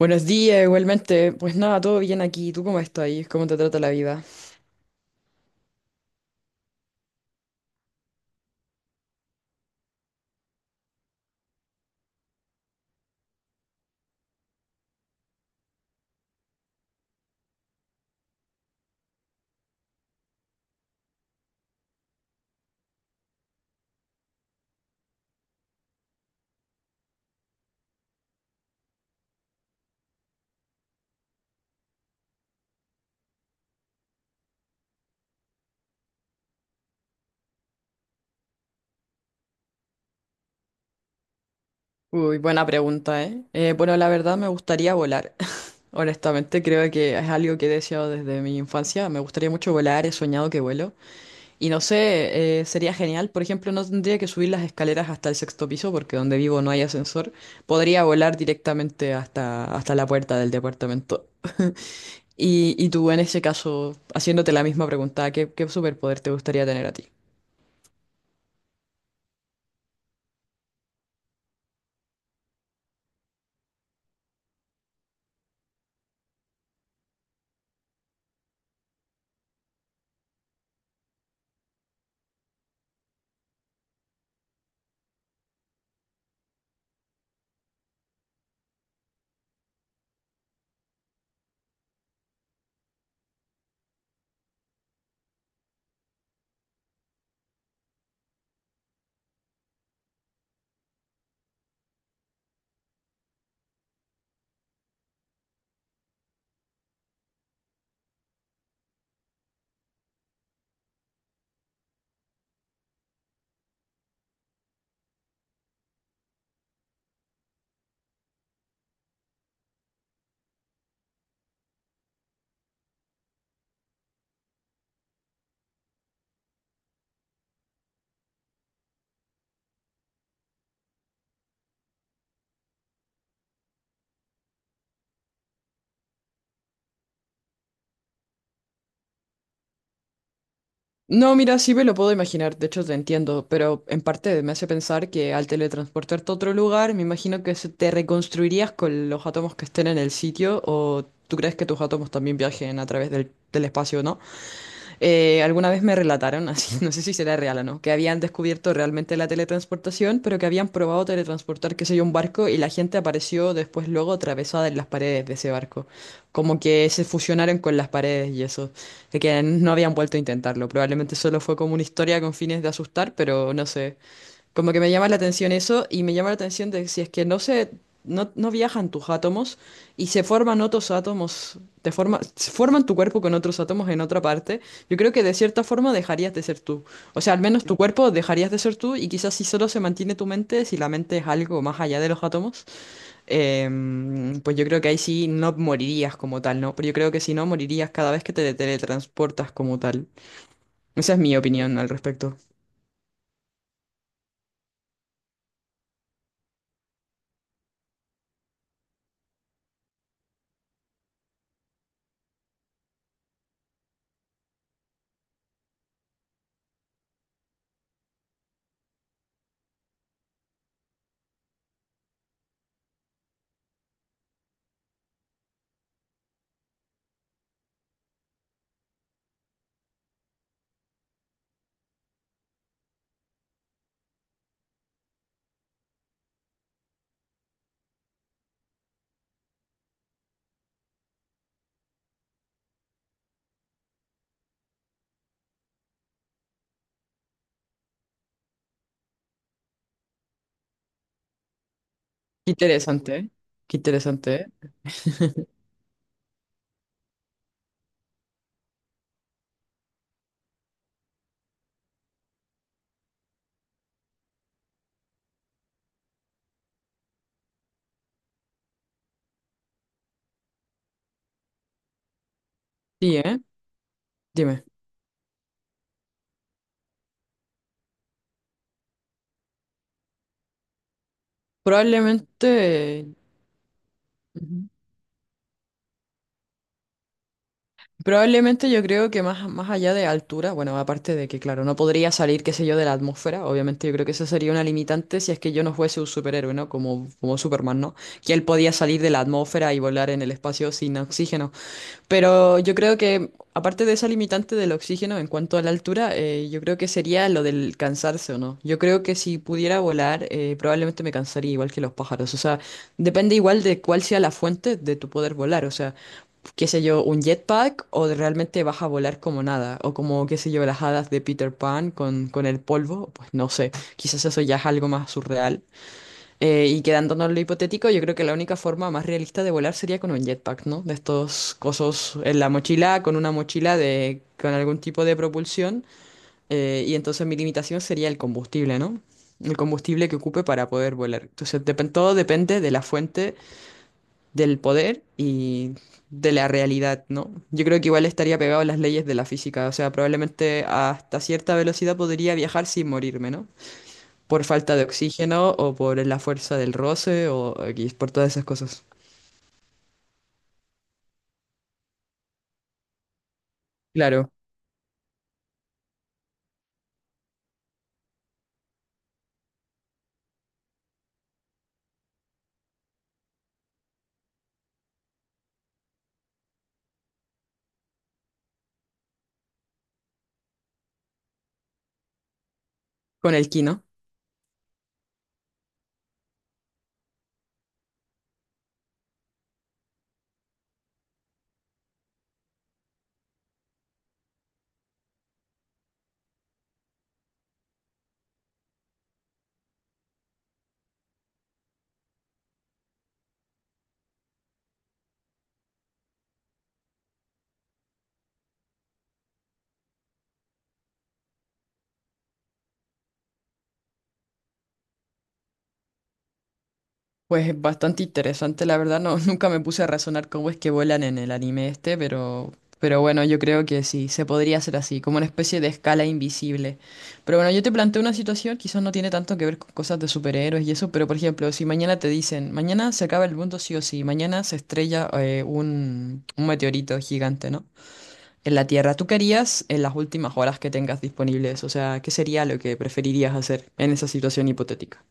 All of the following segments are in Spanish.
Buenos días, igualmente. Pues nada, todo bien aquí. ¿Tú cómo estás ahí? ¿Cómo te trata la vida? Uy, buena pregunta, ¿eh? Bueno, la verdad me gustaría volar. Honestamente, creo que es algo que he deseado desde mi infancia. Me gustaría mucho volar, he soñado que vuelo. Y no sé, sería genial. Por ejemplo, no tendría que subir las escaleras hasta el sexto piso porque donde vivo no hay ascensor. Podría volar directamente hasta, hasta la puerta del departamento. Y tú, en ese caso, haciéndote la misma pregunta, ¿qué superpoder te gustaría tener a ti? No, mira, sí me lo puedo imaginar, de hecho te entiendo, pero en parte me hace pensar que al teletransportarte a otro lugar, me imagino que se te reconstruirías con los átomos que estén en el sitio, o tú crees que tus átomos también viajen a través del espacio, ¿no? Alguna vez me relataron, así, no sé si será real o no, que habían descubierto realmente la teletransportación, pero que habían probado teletransportar, qué sé yo, un barco y la gente apareció después luego atravesada en las paredes de ese barco. Como que se fusionaron con las paredes y eso. De que no habían vuelto a intentarlo. Probablemente solo fue como una historia con fines de asustar, pero no sé. Como que me llama la atención eso y me llama la atención de si es que no se, no viajan tus átomos y se forman otros átomos, te forma, se forman tu cuerpo con otros átomos en otra parte, yo creo que de cierta forma dejarías de ser tú. O sea, al menos tu cuerpo dejarías de ser tú y quizás si solo se mantiene tu mente, si la mente es algo más allá de los átomos, pues yo creo que ahí sí no morirías como tal, ¿no? Pero yo creo que si no, morirías cada vez que te teletransportas como tal. Esa es mi opinión al respecto. Qué interesante, ¿eh? Qué interesante, ¿eh? Sí, ¿eh? Dime, probablemente... Ujú. Probablemente yo creo que más, más allá de altura, bueno, aparte de que, claro, no podría salir, qué sé yo, de la atmósfera, obviamente yo creo que eso sería una limitante si es que yo no fuese un superhéroe, ¿no? Como, como Superman, ¿no? Que él podía salir de la atmósfera y volar en el espacio sin oxígeno. Pero yo creo que, aparte de esa limitante del oxígeno en cuanto a la altura, yo creo que sería lo del cansarse o no. Yo creo que si pudiera volar, probablemente me cansaría igual que los pájaros. O sea, depende igual de cuál sea la fuente de tu poder volar. O sea, qué sé yo, un jetpack o realmente vas a volar como nada, o como, qué sé yo, las hadas de Peter Pan con el polvo, pues no sé, quizás eso ya es algo más surreal. Y quedándonos en lo hipotético, yo creo que la única forma más realista de volar sería con un jetpack, ¿no? De estos cosos en la mochila, con una mochila de, con algún tipo de propulsión, y entonces mi limitación sería el combustible, ¿no? El combustible que ocupe para poder volar. Entonces, todo depende de la fuente del poder y de la realidad, ¿no? Yo creo que igual estaría pegado a las leyes de la física, o sea, probablemente hasta cierta velocidad podría viajar sin morirme, ¿no? Por falta de oxígeno o por la fuerza del roce o X, por todas esas cosas. Claro, con el ki, ¿no? Pues bastante interesante, la verdad, no, nunca me puse a razonar cómo es que vuelan en el anime este, pero bueno, yo creo que sí, se podría hacer así, como una especie de escala invisible. Pero bueno, yo te planteo una situación, quizás no tiene tanto que ver con cosas de superhéroes y eso, pero por ejemplo, si mañana te dicen, mañana se acaba el mundo sí o sí, mañana se estrella un meteorito gigante, ¿no? En la Tierra, ¿tú qué harías en las últimas horas que tengas disponibles? O sea, ¿qué sería lo que preferirías hacer en esa situación hipotética?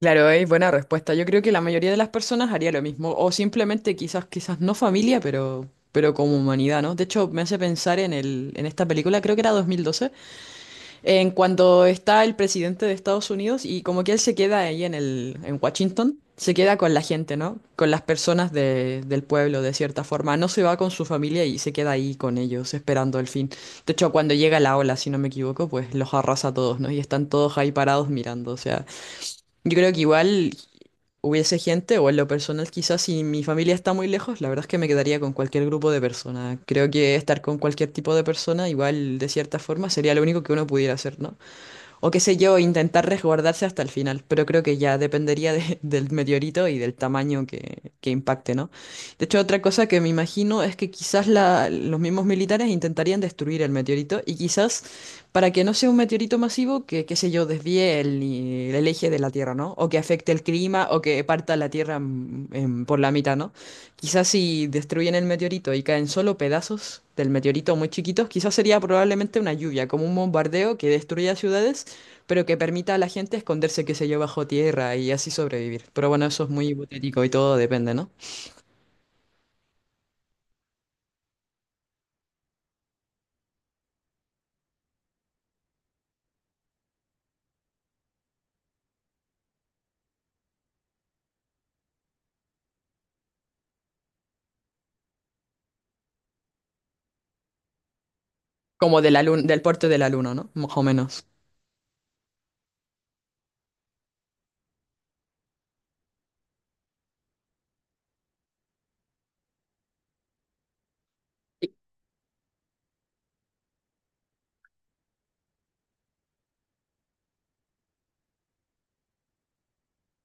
Claro, es buena respuesta. Yo creo que la mayoría de las personas haría lo mismo, o simplemente quizás, quizás no familia, pero como humanidad, ¿no? De hecho, me hace pensar en el, en esta película, creo que era 2012, en cuando está el presidente de Estados Unidos y como que él se queda ahí en el, en Washington, se queda con la gente, ¿no? Con las personas del pueblo, de cierta forma. No se va con su familia y se queda ahí con ellos, esperando el fin. De hecho, cuando llega la ola, si no me equivoco, pues los arrasa a todos, ¿no? Y están todos ahí parados mirando, o sea. Yo creo que igual hubiese gente, o en lo personal quizás si mi familia está muy lejos, la verdad es que me quedaría con cualquier grupo de personas. Creo que estar con cualquier tipo de persona, igual de cierta forma, sería lo único que uno pudiera hacer, ¿no? O qué sé yo, intentar resguardarse hasta el final. Pero creo que ya del meteorito y del tamaño que impacte, ¿no? De hecho, otra cosa que me imagino es que quizás los mismos militares intentarían destruir el meteorito y quizás para que no sea un meteorito masivo, que, qué sé yo, desvíe el eje de la Tierra, ¿no? O que afecte el clima o que parta la Tierra por la mitad, ¿no? Quizás si destruyen el meteorito y caen solo pedazos del meteorito muy chiquitos, quizás sería probablemente una lluvia, como un bombardeo que destruya ciudades pero que permita a la gente esconderse, que se yo, bajo tierra y así sobrevivir. Pero bueno, eso es muy hipotético y todo depende, ¿no? Como de la del porte del alumno, ¿no? Más o menos. Y-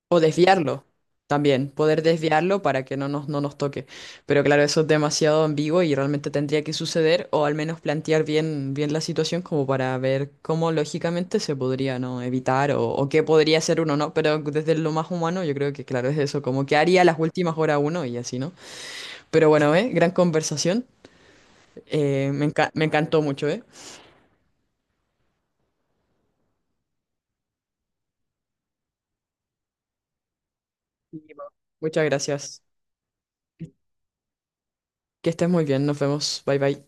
O desviarlo también, poder desviarlo para que no nos, no nos toque. Pero claro, eso es demasiado ambiguo y realmente tendría que suceder, o al menos plantear bien, bien la situación como para ver cómo lógicamente se podría, ¿no? evitar o qué podría hacer uno, ¿no? Pero desde lo más humano yo creo que claro, es eso, como que haría las últimas horas uno y así, ¿no? Pero bueno, ¿eh? Gran conversación. Me encantó mucho, ¿eh? Y, bueno, muchas gracias. Que estés muy bien, nos vemos. Bye bye.